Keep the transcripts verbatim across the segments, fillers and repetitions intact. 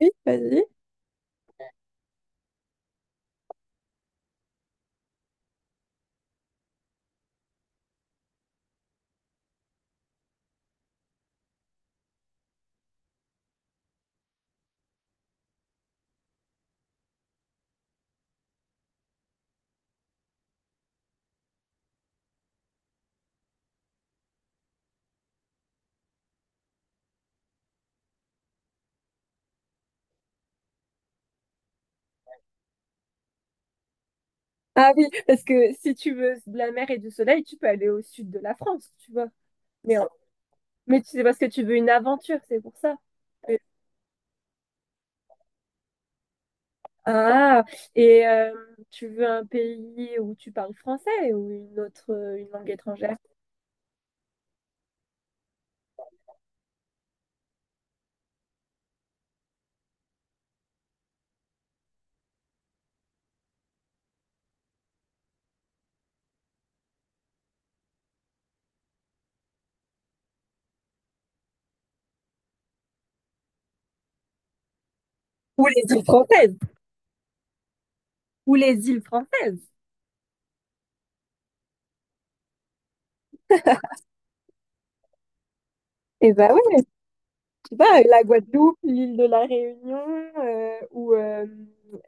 Oui, vas-y. Ah oui, parce que si tu veux de la mer et du soleil, tu peux aller au sud de la France, tu vois. Mais, en- mais c'est parce que tu veux une aventure, c'est pour ça. Mais- Ah, et euh, tu veux un pays où tu parles français ou une autre, euh, une langue étrangère? Ou les îles françaises. Ou les îles françaises. Eh ben oui, tu vois, la Guadeloupe, l'île de la Réunion, euh, ou euh,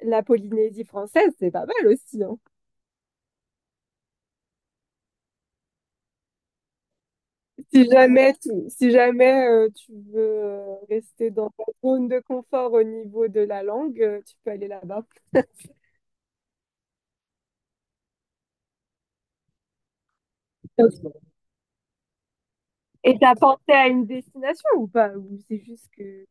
la Polynésie française, c'est pas mal aussi, hein. Si jamais, tu, si jamais euh, tu veux euh, rester dans ta zone de confort au niveau de la langue, euh, tu peux aller là-bas. Ok. Et t'as pensé à une destination ou pas? Ou c'est juste que...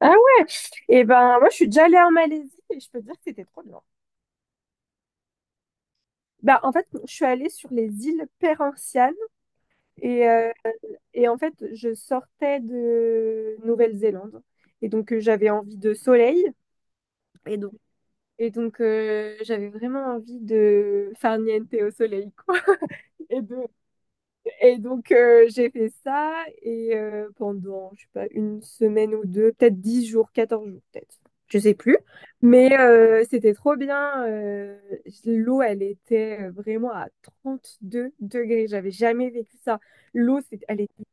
Ah ouais? Et ben moi, je suis déjà allée en Malaisie et je peux te dire que c'était trop bien. Bah en fait, je suis allée sur les îles Perhentianes et, euh, et en fait, je sortais de Nouvelle-Zélande et donc euh, j'avais envie de soleil. Et Et donc, euh, j'avais vraiment envie de faire niente au soleil, quoi. Et, de- et donc, euh, j'ai fait ça et euh, pendant, je sais pas, une semaine ou deux, peut-être dix jours, quatorze jours, peut-être. Je sais plus. Mais euh, c'était trop bien. Euh, l'eau, elle était euh, vraiment à trente-deux degrés. J'avais jamais vécu ça. L'eau, c'est- elle était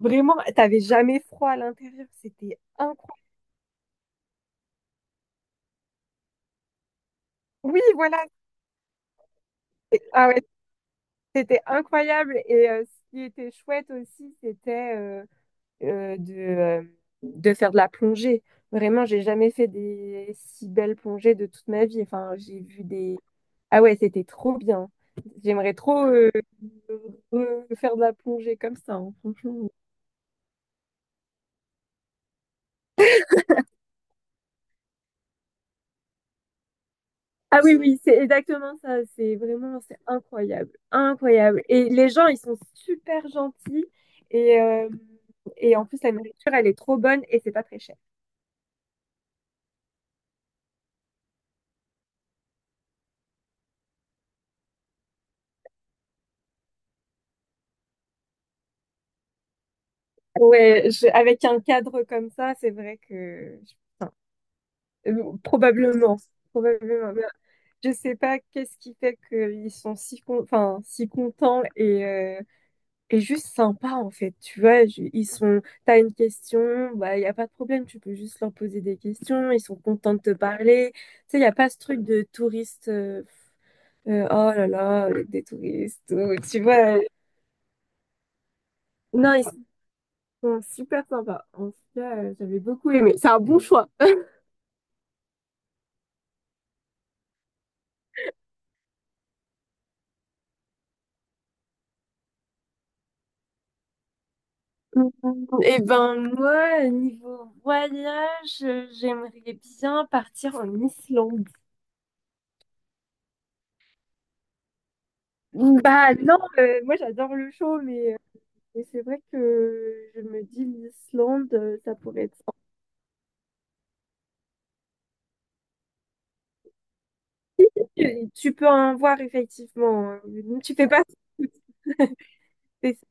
vraiment... T'avais jamais froid à l'intérieur. C'était incroyable. Oui, voilà. Ah ouais, c'était incroyable et euh, ce qui était chouette aussi, c'était euh, euh, de, euh, de faire de la plongée. Vraiment, j'ai jamais fait des si belles plongées de toute ma vie. Enfin, j'ai vu des... Ah ouais, c'était trop bien. J'aimerais trop euh, re- faire de la plongée comme ça, hein, franchement. Ah oui, oui, c'est exactement ça. C'est vraiment, c'est incroyable. Incroyable. Et les gens, ils sont super gentils. Et, euh, et en plus, la nourriture, elle est trop bonne et c'est pas très cher. Ouais, je- avec un cadre comme ça, c'est vrai que, enfin, euh, probablement, probablement. Mais je sais pas qu'est-ce qui fait qu'ils sont si con- enfin si contents et euh, et juste sympas en fait. Tu vois, je- ils sont. T'as une question, bah y a pas de problème, tu peux juste leur poser des questions. Ils sont contents de te parler. Tu sais, y a pas ce truc de touriste, euh, euh, oh là là, avec des touristes. ou- Tu vois. euh, Non, ils sont super sympas. En tout cas, euh, j'avais beaucoup aimé. C'est un bon choix. Et ben moi, niveau voyage, euh, j'aimerais bien partir en Islande. Bah non, euh, moi j'adore le chaud, mais, euh, mais c'est vrai que je me dis l'Islande, euh, ça pourrait être sympa. Et tu peux en voir effectivement, hein. Tu fais pas tout. C'est-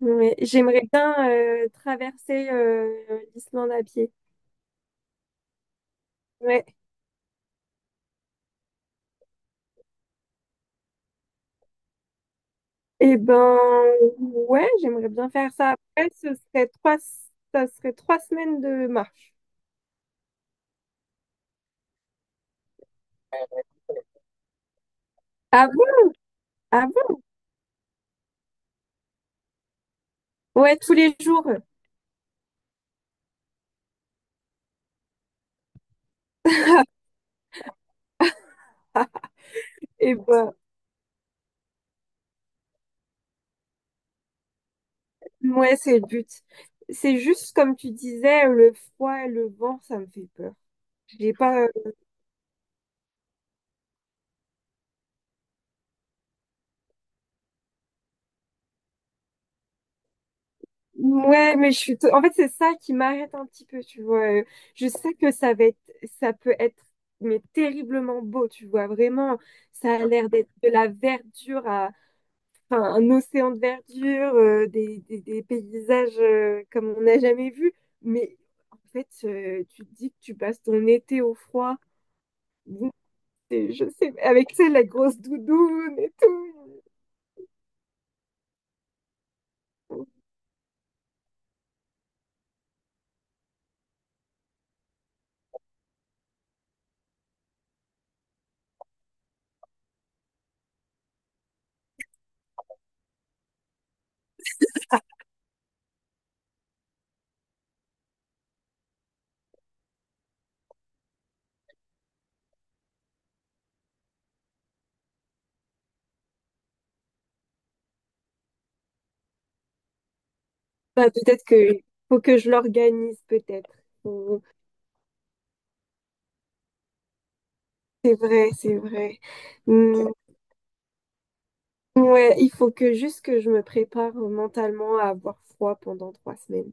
Mais j'aimerais bien euh, traverser euh, l'Islande à pied. Ouais. Et ben ouais, j'aimerais bien faire ça. Après, ce serait trois, ça serait trois semaines de marche. ah Ah bon? Ouais, tous les jours. Et ben, ouais, c'est le but. C'est juste comme tu disais, le froid et le vent, ça me fait peur. J'ai pas. Ouais, mais je suis. t- En fait, c'est ça qui m'arrête un petit peu, tu vois. Euh, Je sais que ça va être, ça peut être, mais terriblement beau, tu vois. Vraiment, ça a l'air d'être de la verdure à, enfin, un océan de verdure, euh, des, des, des paysages euh, comme on n'a jamais vu. Mais en fait, euh, tu te dis que tu passes ton été au froid. Et je sais, avec, tu sais, la grosse doudoune et tout. Bah, peut-être que faut que je l'organise, peut-être. Faut- C'est vrai, c'est vrai. Hmm, ouais, il faut que juste que je me prépare mentalement à avoir froid pendant trois semaines.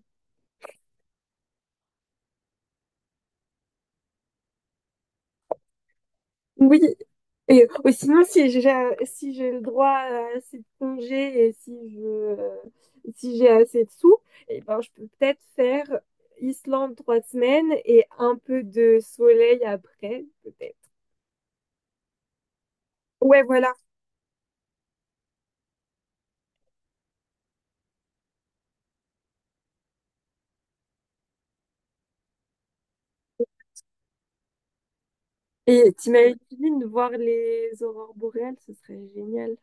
Oui, et ou sinon si j'ai si j'ai le droit à assez de congés et si je euh, si j'ai assez de sous, et ben je peux peut-être faire Islande trois semaines et un peu de soleil après, peut-être. Ouais, voilà. Et t'imagines voir les aurores boréales, ce serait génial.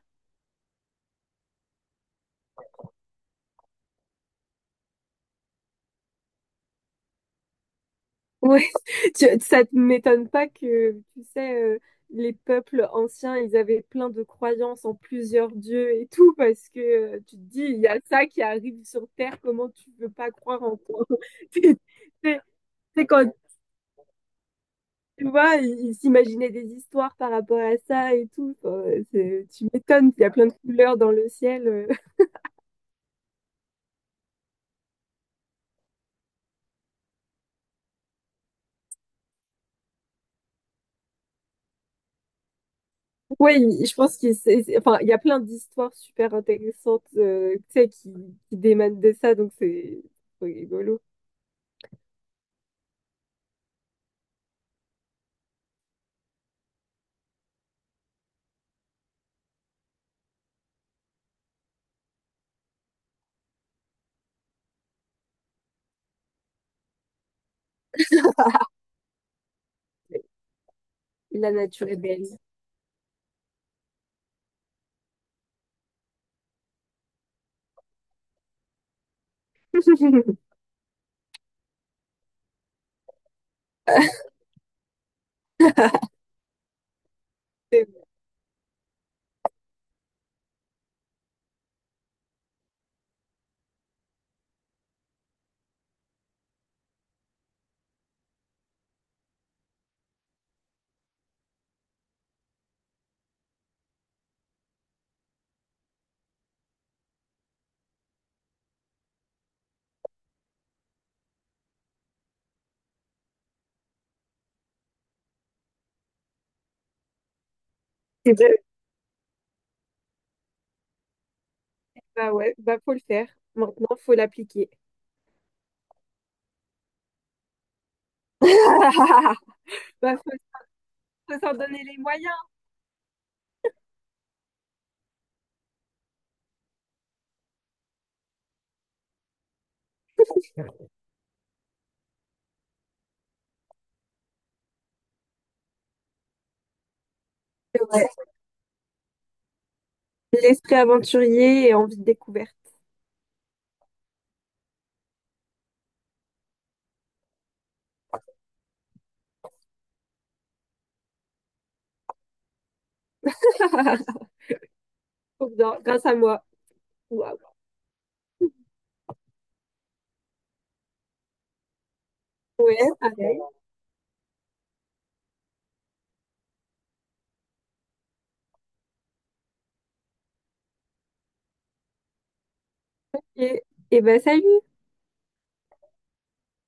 Ouais, tu- ça ne m'étonne pas que, tu sais, euh, les peuples anciens, ils avaient plein de croyances en plusieurs dieux et tout, parce que euh, tu te dis, il y a ça qui arrive sur Terre, comment tu peux pas croire en toi? C'est c'est- c'est quand, tu vois, ils ils s'imaginaient des histoires par rapport à ça et tout. Enfin, c'est- tu m'étonnes, il y a plein de couleurs dans le ciel. euh. Oui, je pense qu'il c'est- c'est- enfin, il y a plein d'histoires super intéressantes euh, tu sais, qui, qui démanent de ça, donc c'est c'est rigolo. La nature est belle. C'est c'est vrai. Bah ouais, bah faut le faire. Maintenant, faut l'appliquer. Bah faut, faut s'en donner les moyens. Ouais. L'esprit aventurier et envie de découverte. Trop bien, grâce à moi. Waouh. Ouais, pareil. Et, et bah, salut.